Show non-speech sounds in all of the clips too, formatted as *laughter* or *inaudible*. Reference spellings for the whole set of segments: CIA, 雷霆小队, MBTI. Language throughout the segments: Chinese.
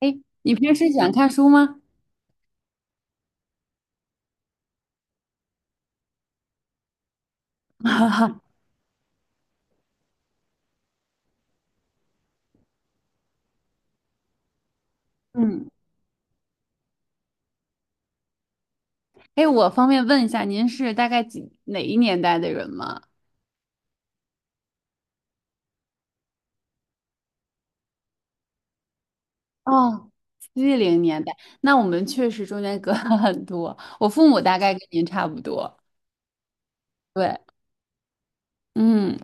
哎，你平时喜欢看书吗？*laughs* 哈哈，嗯，哎，我方便问一下，您是大概哪一年代的人吗？哦，七零年代，那我们确实中间隔了很多。我父母大概跟您差不多。对，嗯，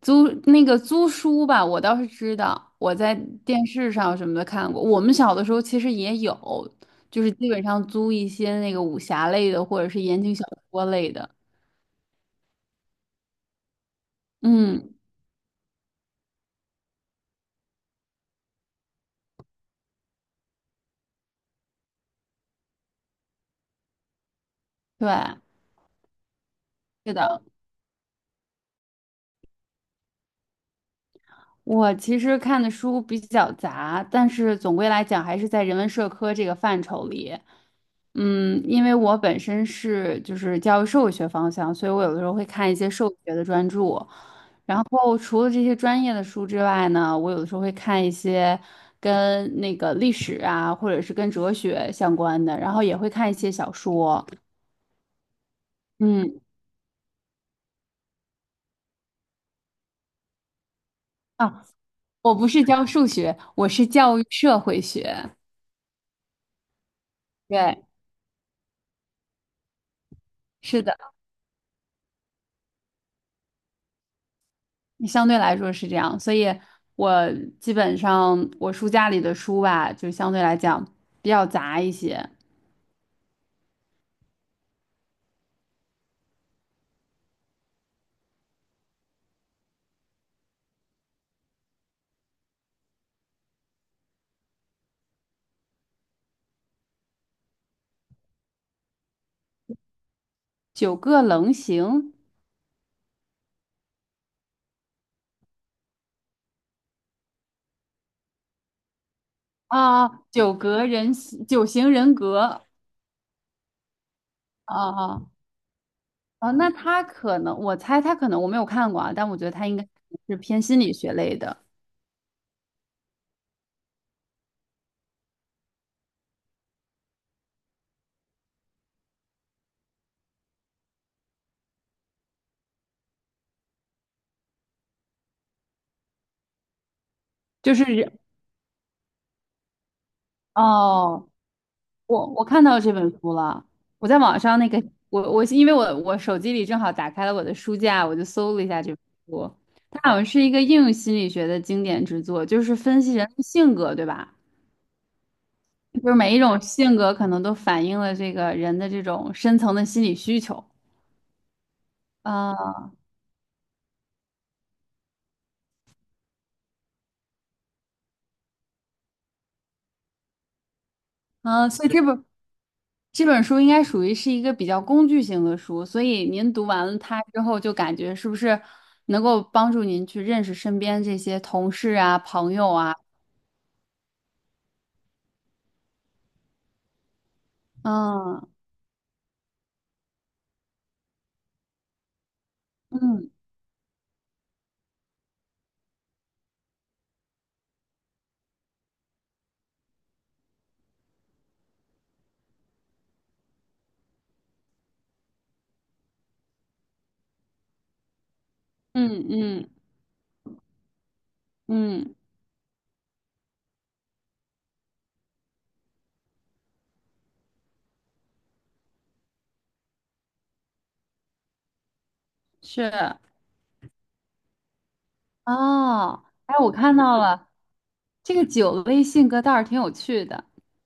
租那个租书吧，我倒是知道，我在电视上什么的看过。我们小的时候其实也有，就是基本上租一些那个武侠类的，或者是言情小说类的。嗯，对，是的。我其实看的书比较杂，但是总归来讲还是在人文社科这个范畴里。嗯，因为我本身是就是教育社会学方向，所以我有的时候会看一些社会学的专著。然后除了这些专业的书之外呢，我有的时候会看一些跟那个历史啊，或者是跟哲学相关的，然后也会看一些小说。嗯，啊，我不是教数学，我是教育社会学。对，是的。相对来说是这样，所以我基本上我书架里的书吧，就相对来讲比较杂一些。九个棱形啊，九格人形九型人格啊啊啊，那他可能我猜他可能我没有看过啊，但我觉得他应该是偏心理学类的，就是哦我看到这本书了，我在网上那个我因为我手机里正好打开了我的书架，我就搜了一下这本书，它好像是一个应用心理学的经典之作，就是分析人的性格，对吧？就是每一种性格可能都反映了这个人的这种深层的心理需求。啊啊，所以这本书应该属于是一个比较工具型的书，所以您读完了它之后，就感觉是不是能够帮助您去认识身边这些同事啊、朋友啊？嗯，嗯嗯嗯嗯，是哦。哎，我看到了这个酒类性格倒是挺有趣的。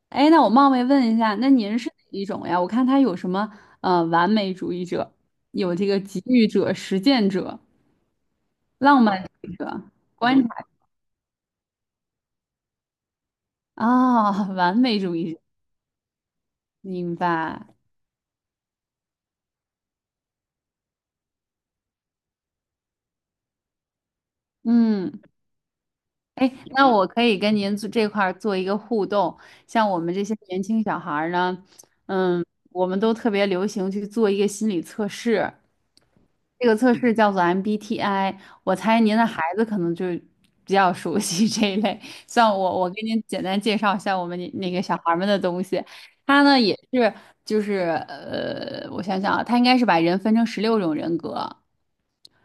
哎，那我冒昧问一下，那您是哪一种呀？我看他有什么完美主义者，有这个给予者、实践者、浪漫主义者、观察者哦，*laughs* 完美主义者，明白。嗯。哎，那我可以跟您做这块儿做一个互动。像我们这些年轻小孩儿呢，嗯，我们都特别流行去做一个心理测试，这个测试叫做 MBTI。我猜您的孩子可能就比较熟悉 *laughs* 这一类。像我，我给您简单介绍一下我们那个小孩儿们的东西。他呢也是，就是我想想啊，他应该是把人分成16种人格。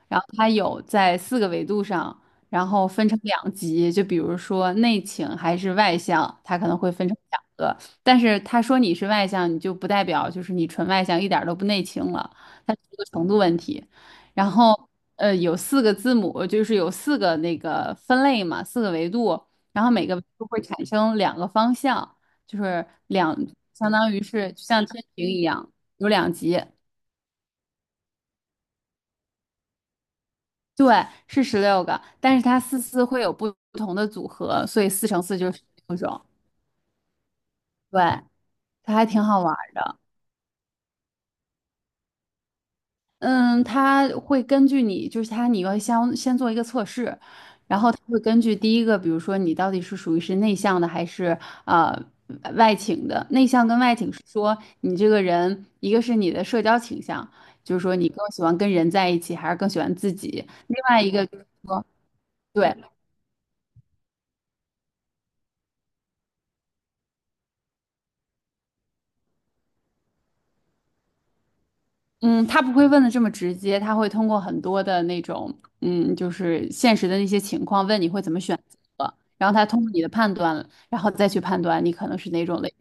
然后它有在四个维度上，然后分成两级，就比如说内倾还是外向，它可能会分成两个。但是他说你是外向，你就不代表就是你纯外向，一点儿都不内倾了，它是一个程度问题。然后有四个字母，就是有四个那个分类嘛，四个维度，然后每个维度会产生两个方向，就是两，相当于是就像天平一样，有两级。对，是16个，但是它四四会有不同的组合，所以四乘四就是六种。对，它还挺好玩儿的。嗯，它会根据你，就是它你要先做一个测试，然后它会根据第一个，比如说你到底是属于是内向的还是呃外倾的。内向跟外倾是说你这个人，一个是你的社交倾向，就是说你更喜欢跟人在一起，还是更喜欢自己。另外一个就是说。对，嗯，他不会问的这么直接，他会通过很多的那种，嗯，就是现实的那些情况，问你会怎么选择，然后他通过你的判断，然后再去判断你可能是哪种类。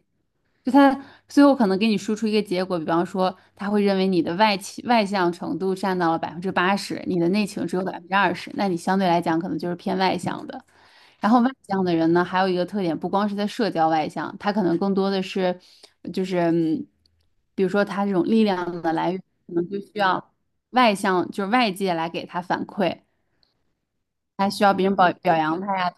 就他最后可能给你输出一个结果，比方说他会认为你的外倾外向程度占到了80%，你的内情只有20%，那你相对来讲可能就是偏外向的。然后外向的人呢，还有一个特点，不光是在社交外向，他可能更多的是，就是嗯比如说他这种力量的来源，可能就需要外向，就是外界来给他反馈，他需要别人表扬他呀，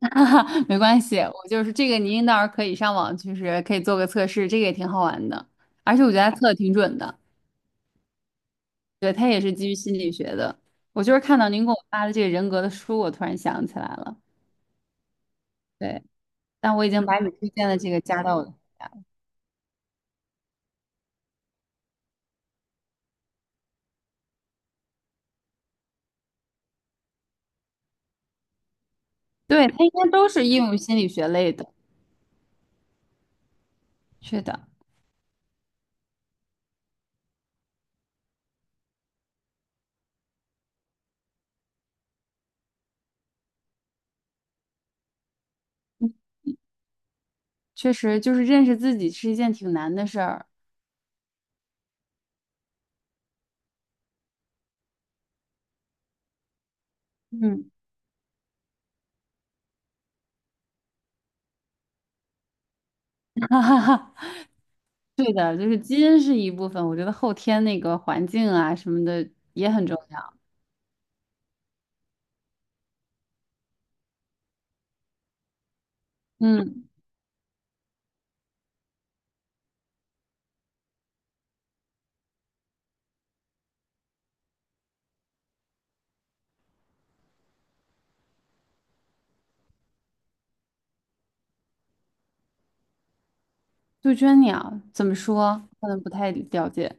*laughs* 没关系，我就是这个，您到时候可以上网，就是可以做个测试，这个也挺好玩的。而且我觉得他测的挺准的，对，他也是基于心理学的。我就是看到您给我发的这个人格的书，我突然想起来了。对，但我已经把你推荐的这个加到我的，对，他应该都是应用心理学类的。是的，嗯确实就是认识自己是一件挺难的事儿。嗯，*laughs* 哈哈哈，*laughs* 对的，就是基因是一部分，我觉得后天那个环境啊什么的也很重要。嗯。杜鹃鸟怎么说？可能不太了解。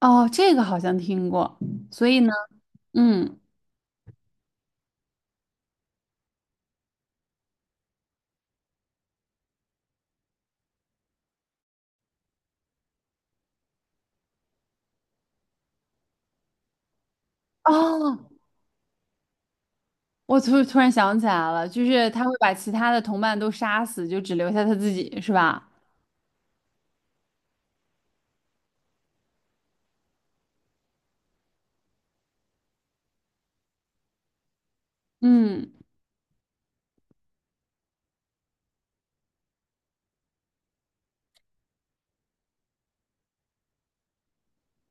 哦，这个好像听过。所以呢，嗯，哦，我突然想起来了，就是他会把其他的同伴都杀死，就只留下他自己，是吧？嗯，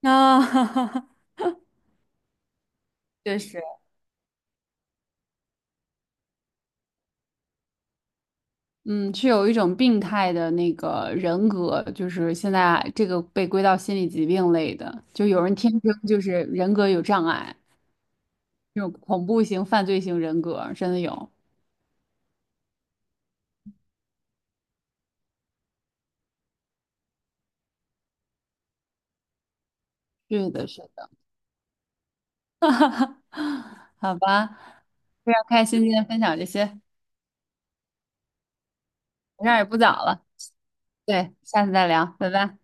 啊，*laughs* 哈哈确实，嗯，是有一种病态的那个人格，就是现在这个被归到心理疾病类的，就有人天生就是人格有障碍，这种恐怖型、犯罪型人格真的有。是的，是的。*laughs* 哈哈，好吧，非常开心今天分享这些，我这儿也不早了，对，下次再聊，拜拜。